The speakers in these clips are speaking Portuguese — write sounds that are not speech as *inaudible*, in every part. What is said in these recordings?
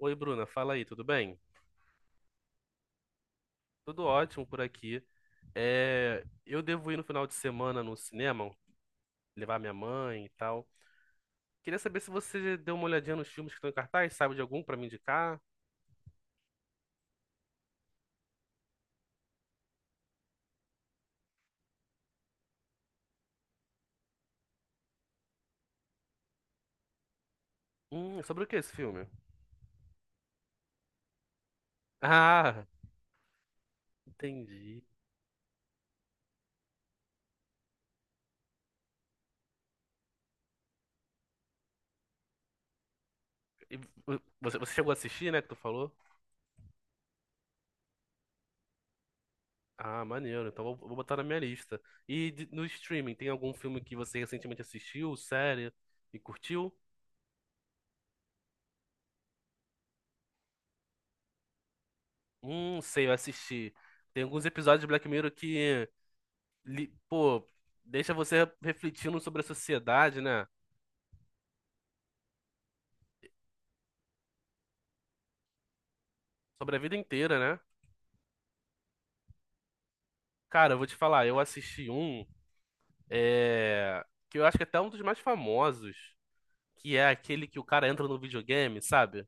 Oi, Bruna, fala aí, tudo bem? Tudo ótimo por aqui. É, eu devo ir no final de semana no cinema, levar minha mãe e tal. Queria saber se você deu uma olhadinha nos filmes que estão em cartaz, sabe de algum pra me indicar? Sobre o que é esse filme? *laughs* Ah, entendi. E você chegou a assistir, né, que tu falou? Ah, maneiro, então vou botar na minha lista. E no streaming, tem algum filme que você recentemente assistiu, série, e curtiu? Sei, eu assisti. Tem alguns episódios de Black Mirror que pô, deixa você refletindo sobre a sociedade, né? Sobre a vida inteira, né? Cara, eu vou te falar, eu assisti um, que eu acho que é até um dos mais famosos, que é aquele que o cara entra no videogame, sabe?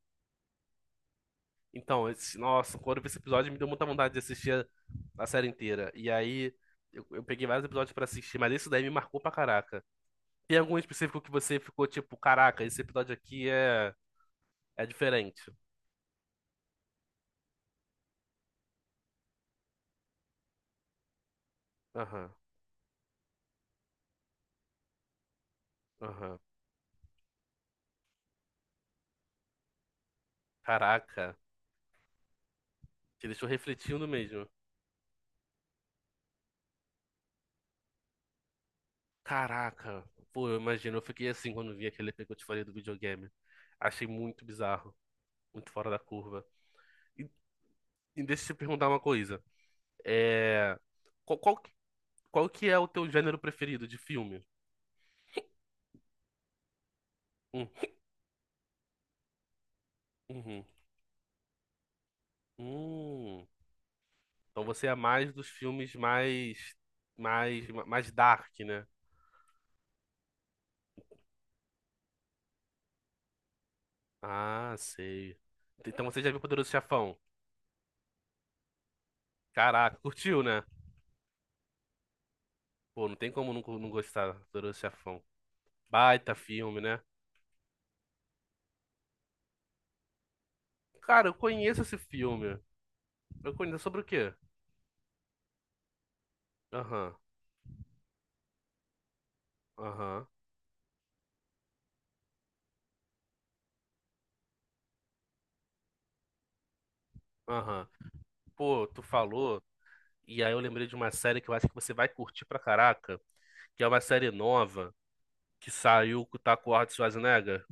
Então, nossa, quando eu vi esse episódio, me deu muita vontade de assistir a série inteira. E aí, eu peguei vários episódios pra assistir, mas esse daí me marcou pra caraca. Tem algum específico que você ficou tipo, caraca, esse episódio aqui é diferente? Aham, aham. Caraca. Te deixou refletindo mesmo. Caraca, pô, eu imagino, eu fiquei assim quando vi aquele EP que eu te falei do videogame. Achei muito bizarro, muito fora da curva. E, e deixa eu te perguntar uma coisa. É, qual, qual, que- qual que é o teu gênero preferido de filme? Hum, uhum, hum. Então você é mais dos filmes mais dark, né? Ah, sei. Então você já viu Poderoso Chefão? Caraca, curtiu, né? Pô, não tem como não gostar do Poderoso Chefão. Baita filme, né? Cara, eu conheço esse filme. Eu conheço sobre o quê? Aham, aham, aham. Pô, tu falou, e aí eu lembrei de uma série que eu acho que você vai curtir pra caraca, que é uma série nova que saiu com o Taco Arnold Schwarzenegger.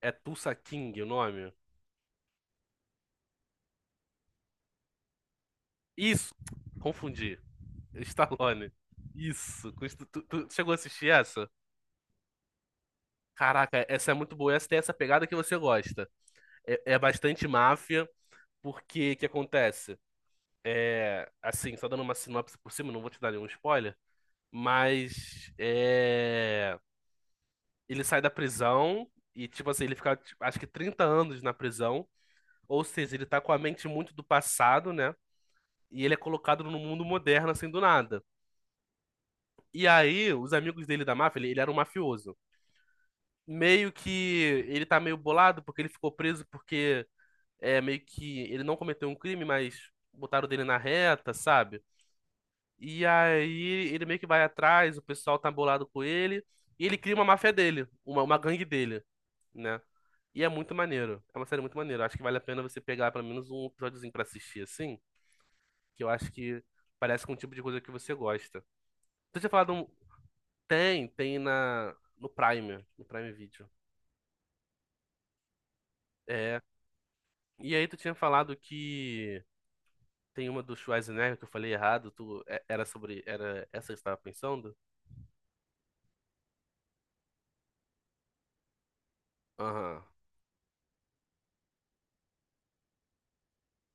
É Tulsa King o nome? Isso! Confundi. *laughs* Stallone. Isso. Tu chegou a assistir essa? Caraca, essa é muito boa. Essa tem essa pegada que você gosta. É bastante máfia, porque o que acontece? É, assim, só dando uma sinopse por cima, não vou te dar nenhum spoiler, mas ele sai da prisão e, tipo assim, ele fica, tipo, acho que 30 anos na prisão, ou seja, ele tá com a mente muito do passado, né? E ele é colocado no mundo moderno, assim, do nada. E aí, os amigos dele da máfia, ele era um mafioso. Meio que ele tá meio bolado porque ele ficou preso porque é meio que ele não cometeu um crime, mas botaram dele na reta, sabe? E aí ele meio que vai atrás, o pessoal tá bolado com ele, e ele cria uma máfia dele, uma gangue dele, né? E é muito maneiro. É uma série muito maneira. Acho que vale a pena você pegar pelo menos um episódiozinho pra assistir, assim, que eu acho que parece com o tipo de coisa que você gosta. Tu tinha falado um. Tem no Prime, no Prime Video. É. E aí tu tinha falado que tem uma do Schwarzenegger que eu falei errado, tu... é- era sobre... Era essa que você tava pensando? Aham,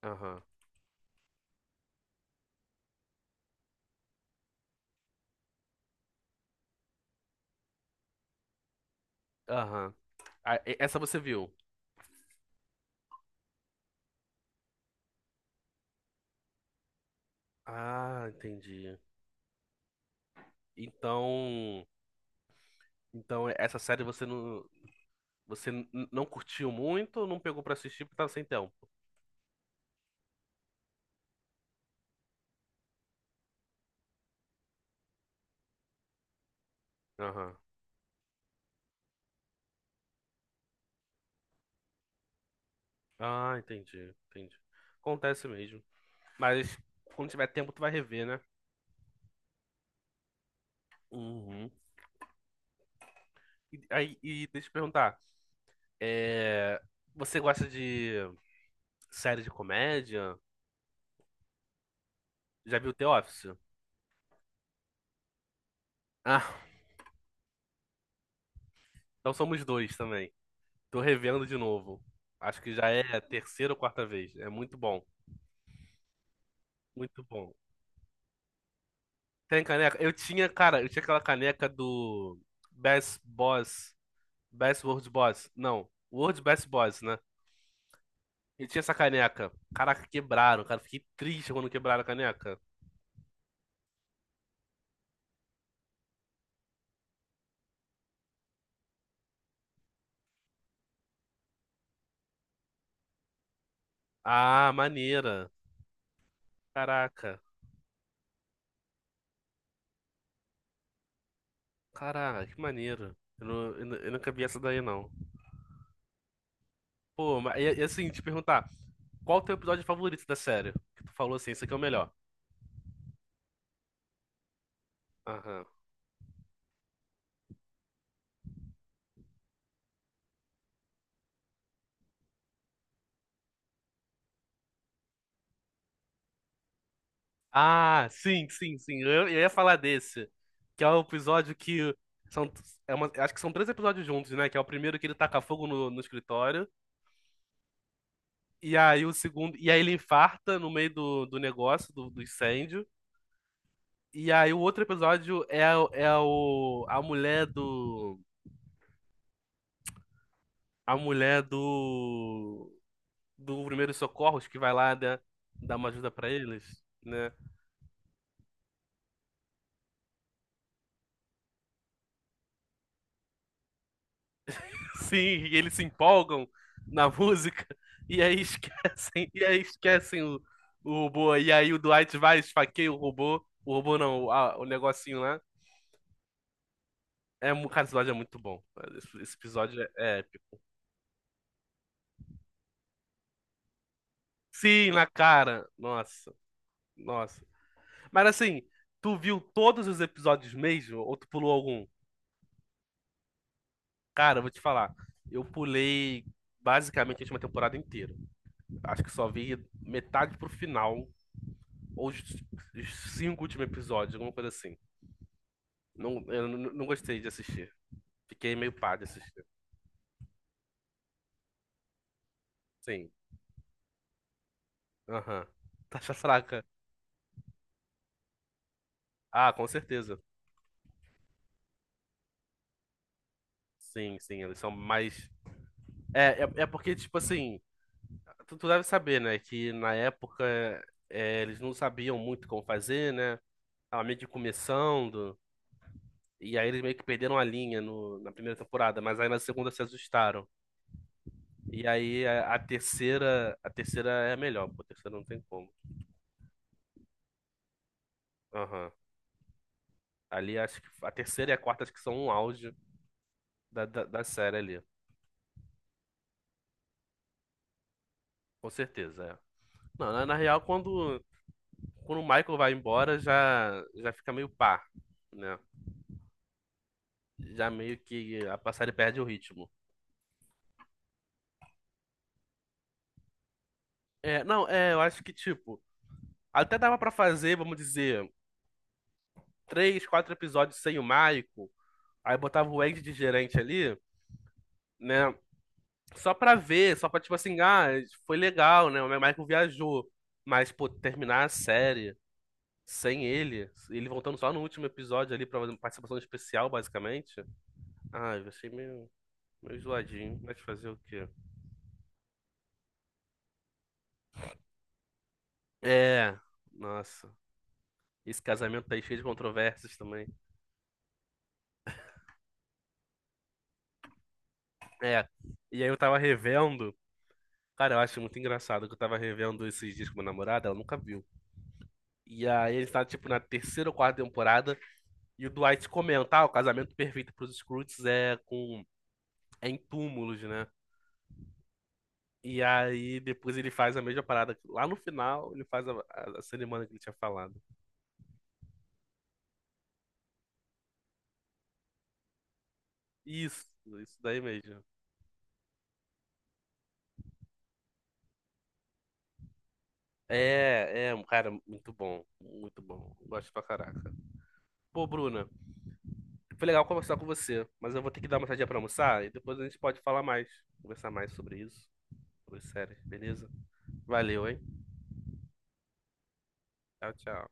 aham, aham. Ah, essa você viu? Ah, entendi. Então, então essa série você não, você n- não curtiu muito, não pegou pra assistir porque tava sem tempo. Aham. Ah, entendi, entendi. Acontece mesmo. Mas quando tiver tempo tu vai rever, né? Uhum. E aí, deixa eu te perguntar, é, você gosta de série de comédia? Já viu The Office? Ah, então somos dois também. Tô revendo de novo. Acho que já é a terceira ou quarta vez. É muito bom. Muito bom. Tem caneca? Eu tinha, cara, eu tinha aquela caneca do Best Boss. Best World Boss. Não, World Best Boss, né? Eu tinha essa caneca. Caraca, quebraram, cara. Fiquei triste quando quebraram a caneca. Ah, maneira. Caraca. Caraca, que maneiro. Eu, não, eu, nu- eu nunca vi essa daí, não. Pô, mas, e assim, te perguntar, qual o teu episódio favorito da série? Que tu falou assim, esse aqui é o melhor. Aham. Ah, sim, sim, sim. Eu ia falar desse. Que é o episódio que. São, acho que são três episódios juntos, né? Que é o primeiro que ele taca fogo no escritório. E aí o segundo. E aí ele infarta no meio do negócio, do incêndio. E aí o outro episódio é a mulher do. A mulher do. Do Primeiros Socorros que vai lá né, dar uma ajuda pra eles, né? Sim, e eles se empolgam na música e aí esquecem, o robô. E aí o Dwight vai, esfaqueia o robô. O robô não, o negocinho lá. É, cara, esse episódio é muito bom. Esse episódio é épico. Sim, na cara. Nossa, nossa. Mas assim, tu viu todos os episódios mesmo? Ou tu pulou algum? Cara, eu vou te falar. Eu pulei basicamente a última temporada inteira. Acho que só vi metade pro final, ou os 5 últimos episódios, alguma coisa assim. Não, eu não gostei de assistir. Fiquei meio pá de assistir. Sim, aham. Taxa *laughs* fraca. Ah, com certeza. Sim, sim, eles são mais. É porque, tipo assim, tu deve saber, né, que na época eles não sabiam muito como fazer, né? Tava meio que começando. E aí eles meio que perderam a linha no, na primeira temporada, mas aí na segunda se ajustaram. E aí a terceira é a melhor, pô, a terceira não tem como. Aham. Ali acho que a terceira e a quarta acho que são um auge da série ali. Com certeza, é. Não, na real, quando o Michael vai embora, já fica meio pá, né? Já meio que a série perde o ritmo. É, não, é, eu acho que, tipo, até dava pra fazer, vamos dizer, três, quatro episódios sem o Michael, aí botava o Andy de gerente ali, né? Só pra ver, só pra, tipo assim, ah, foi legal, né? O Michael viajou. Mas, pô, terminar a série sem ele, ele voltando só no último episódio ali pra fazer uma participação especial, basicamente. Ah, eu achei meio, meio zoadinho, mas fazer o quê? É, nossa. Esse casamento tá aí cheio de controvérsias também. É, e aí eu tava revendo. Cara, eu acho muito engraçado que eu tava revendo esses dias com minha namorada, ela nunca viu. E aí ele tá, tipo, na terceira ou quarta temporada, e o Dwight comenta, ah, o casamento perfeito pros Scrooge é em túmulos, né? E aí depois ele faz a mesma parada. Lá no final, ele faz a cerimônia que ele tinha falado. Isso, isso daí mesmo. Um cara, muito bom. Muito bom. Gosto pra caraca. Pô, Bruna, foi legal conversar com você, mas eu vou ter que dar uma saidinha pra almoçar e depois a gente pode falar mais, conversar mais sobre isso, sobre séries, beleza? Valeu, hein? Tchau, tchau.